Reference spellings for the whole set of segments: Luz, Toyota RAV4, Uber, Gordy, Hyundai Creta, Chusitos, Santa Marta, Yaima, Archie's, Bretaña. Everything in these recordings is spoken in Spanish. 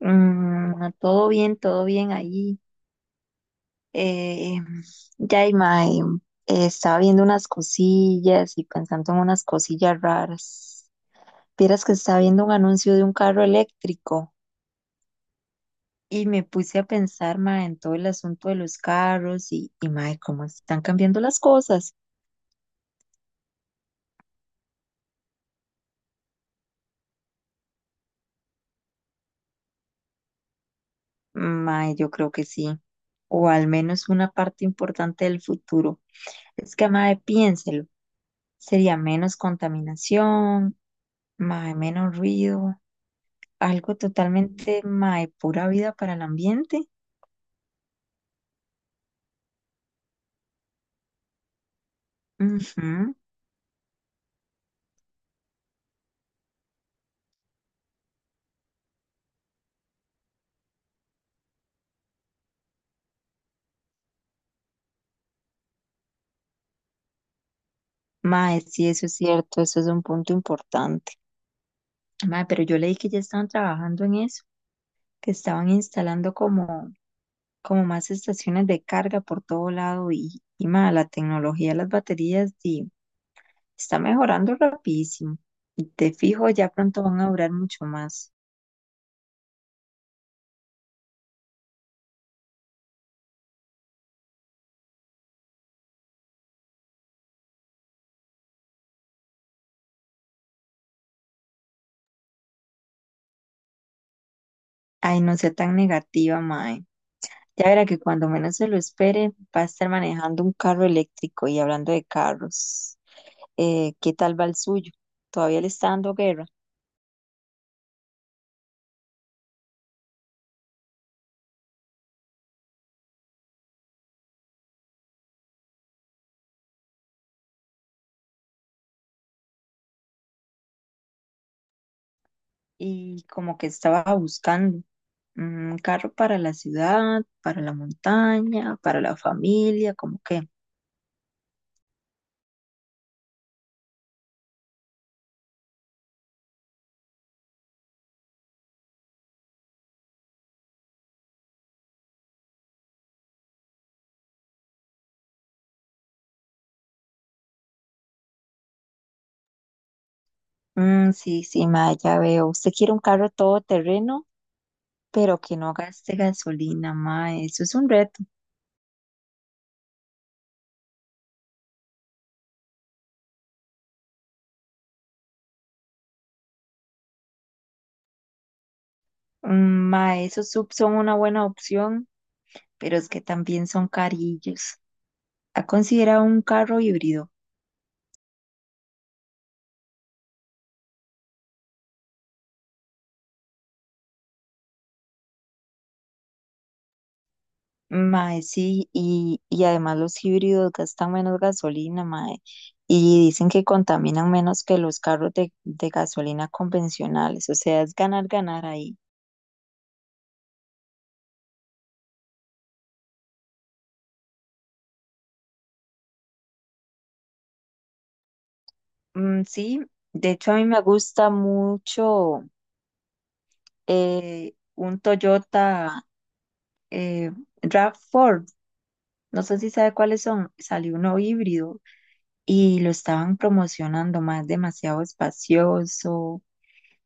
Mm, todo bien ahí. Eh, Yaima, estaba viendo unas cosillas y pensando en unas cosillas raras. Vieras que estaba viendo un anuncio de un carro eléctrico y me puse a pensar, ma, en todo el asunto de los carros y ma, cómo están cambiando las cosas. Ma, yo creo que sí, o al menos una parte importante del futuro. Es que, ma, piénselo, sería menos contaminación, ma, menos ruido. Algo totalmente, mae, pura vida para el ambiente. Ujú. Mae, sí, eso es cierto, eso es un punto importante. Mae, pero yo leí que ya estaban trabajando en eso, que estaban instalando como más estaciones de carga por todo lado y mae, la tecnología de las baterías sí, está mejorando rapidísimo. Y te fijo, ya pronto van a durar mucho más. Ay, no sea tan negativa, mae. Ya verá que cuando menos se lo espere, va a estar manejando un carro eléctrico y hablando de carros. ¿ Qué tal va el suyo? Todavía le está dando guerra y como que estaba buscando un carro para la ciudad, para la montaña, para la familia, como que. Mm, sí, sí, ma, ya veo. Usted quiere un carro todoterreno, pero que no gaste gasolina, ma, eso es un reto. Mm, ma, esos SUV son una buena opción, pero es que también son carillos. ¿Ha considerado un carro híbrido? Mae, sí, y además los híbridos gastan menos gasolina, mae, y dicen que contaminan menos que los carros de gasolina convencionales, o sea, es ganar, ganar ahí. Mm, sí, de hecho a mí me gusta mucho un Toyota eh, RAV4, no sé si sabe cuáles son, salió uno híbrido y lo estaban promocionando, más demasiado espacioso.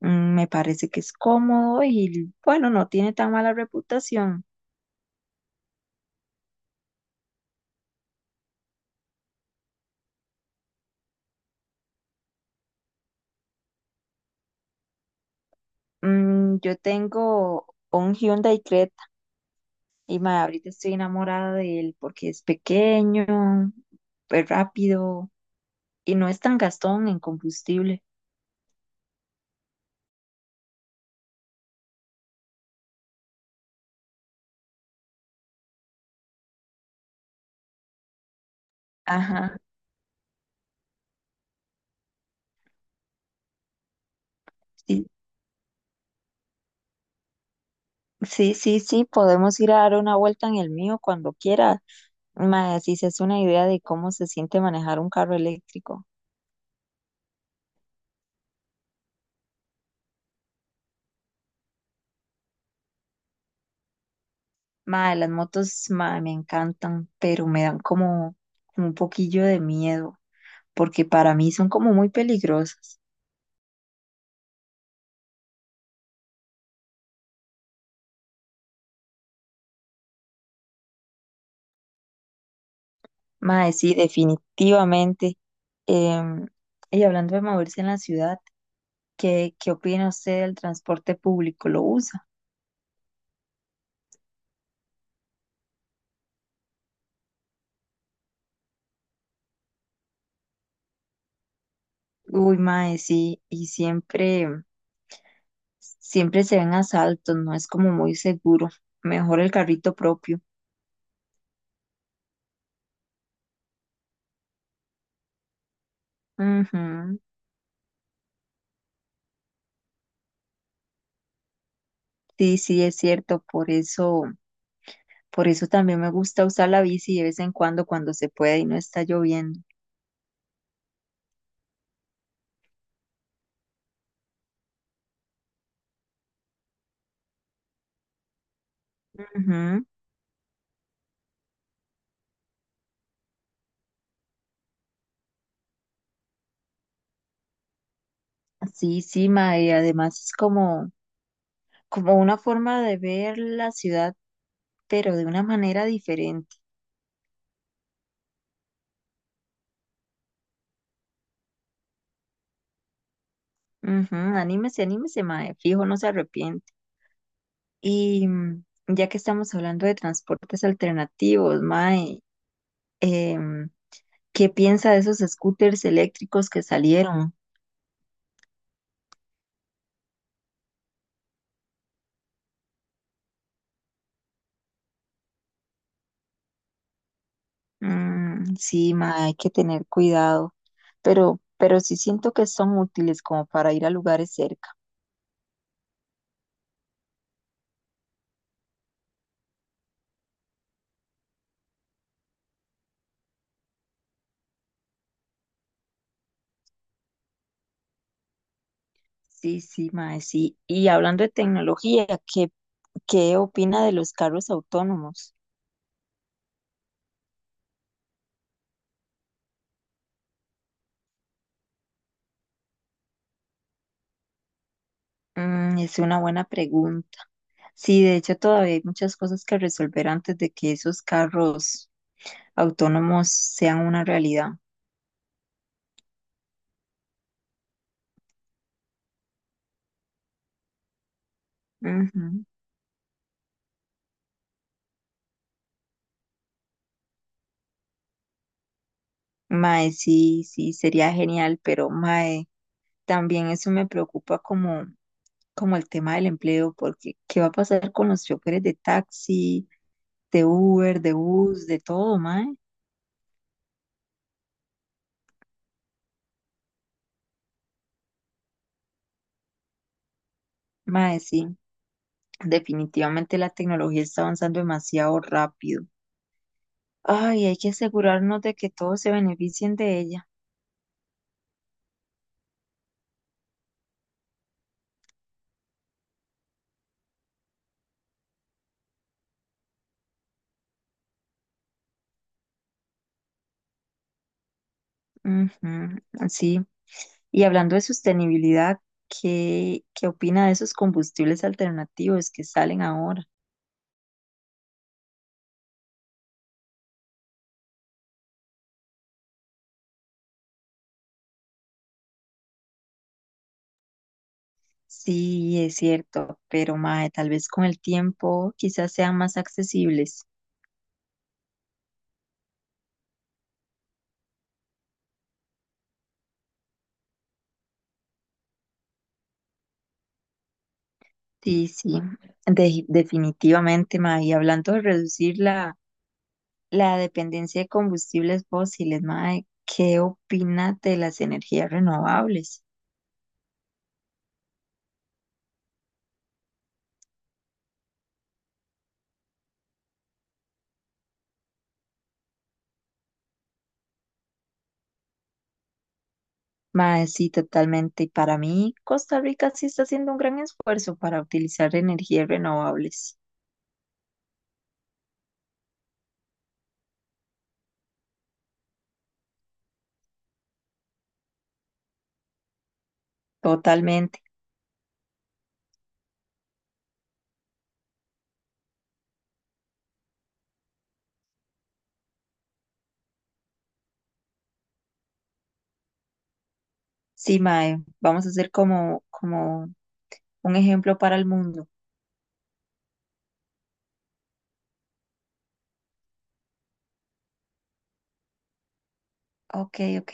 Mm, me parece que es cómodo y bueno, no tiene tan mala reputación. Mm, yo tengo un Hyundai Creta y ma, ahorita estoy enamorada de él porque es pequeño, es rápido y no es tan gastón en combustible. Ajá. Sí, sí, podemos ir a dar una vuelta en el mío cuando quiera. Ma, si se hace una idea de cómo se siente manejar un carro eléctrico. Ma, las motos, ma, me encantan, pero me dan como un poquillo de miedo, porque para mí son como muy peligrosas. Mae, sí, definitivamente. Em, y hablando de moverse en la ciudad, ¿qué, qué opina usted del transporte público? ¿Lo usa? Uy, mae, sí, y siempre, siempre se ven asaltos, no es como muy seguro. Mejor el carrito propio. Ujú. Sí, sí, es cierto, por eso también me gusta usar la bici de vez en cuando cuando se puede y no está lloviendo. Ujú. Sí, sí, ma, y además es como, como una forma de ver la ciudad, pero de una manera diferente. Ujú, anímese, anímese, ma, fijo, no se arrepiente. Y ya que estamos hablando de transportes alternativos, ma, ¿qué piensa de esos scooters eléctricos que salieron? Mm, sí, ma, hay que tener cuidado, pero sí siento que son útiles como para ir a lugares cerca. Sí, sí, mae, sí. Y hablando de tecnología, ¿qué opina de los carros autónomos? Mm, es una buena pregunta. Sí, de hecho todavía hay muchas cosas que resolver antes de que esos carros autónomos sean una realidad. Ujú. Mae, sí, sí, sería genial, pero mae, también eso me preocupa como, como el tema del empleo, porque ¿qué va a pasar con los choferes de taxi, de Uber, de bus, de todo, mae? Mae, sí, definitivamente la tecnología está avanzando demasiado rápido. Ay, hay que asegurarnos de que todos se beneficien de ella. Ujú, sí. Y hablando de sostenibilidad, ¿qué, qué opina de esos combustibles alternativos que salen ahora? Sí, es cierto, pero mae, tal vez con el tiempo quizás sean más accesibles. Sí, sí, definitivamente, mae. Y hablando de reducir la, la dependencia de combustibles fósiles, mae, ¿qué opina de las energías renovables? Mae, sí, totalmente. Y para mí, Costa Rica sí está haciendo un gran esfuerzo para utilizar energías renovables. Totalmente. Sí, mae, vamos a hacer como, como un ejemplo para el mundo. Ok, ok.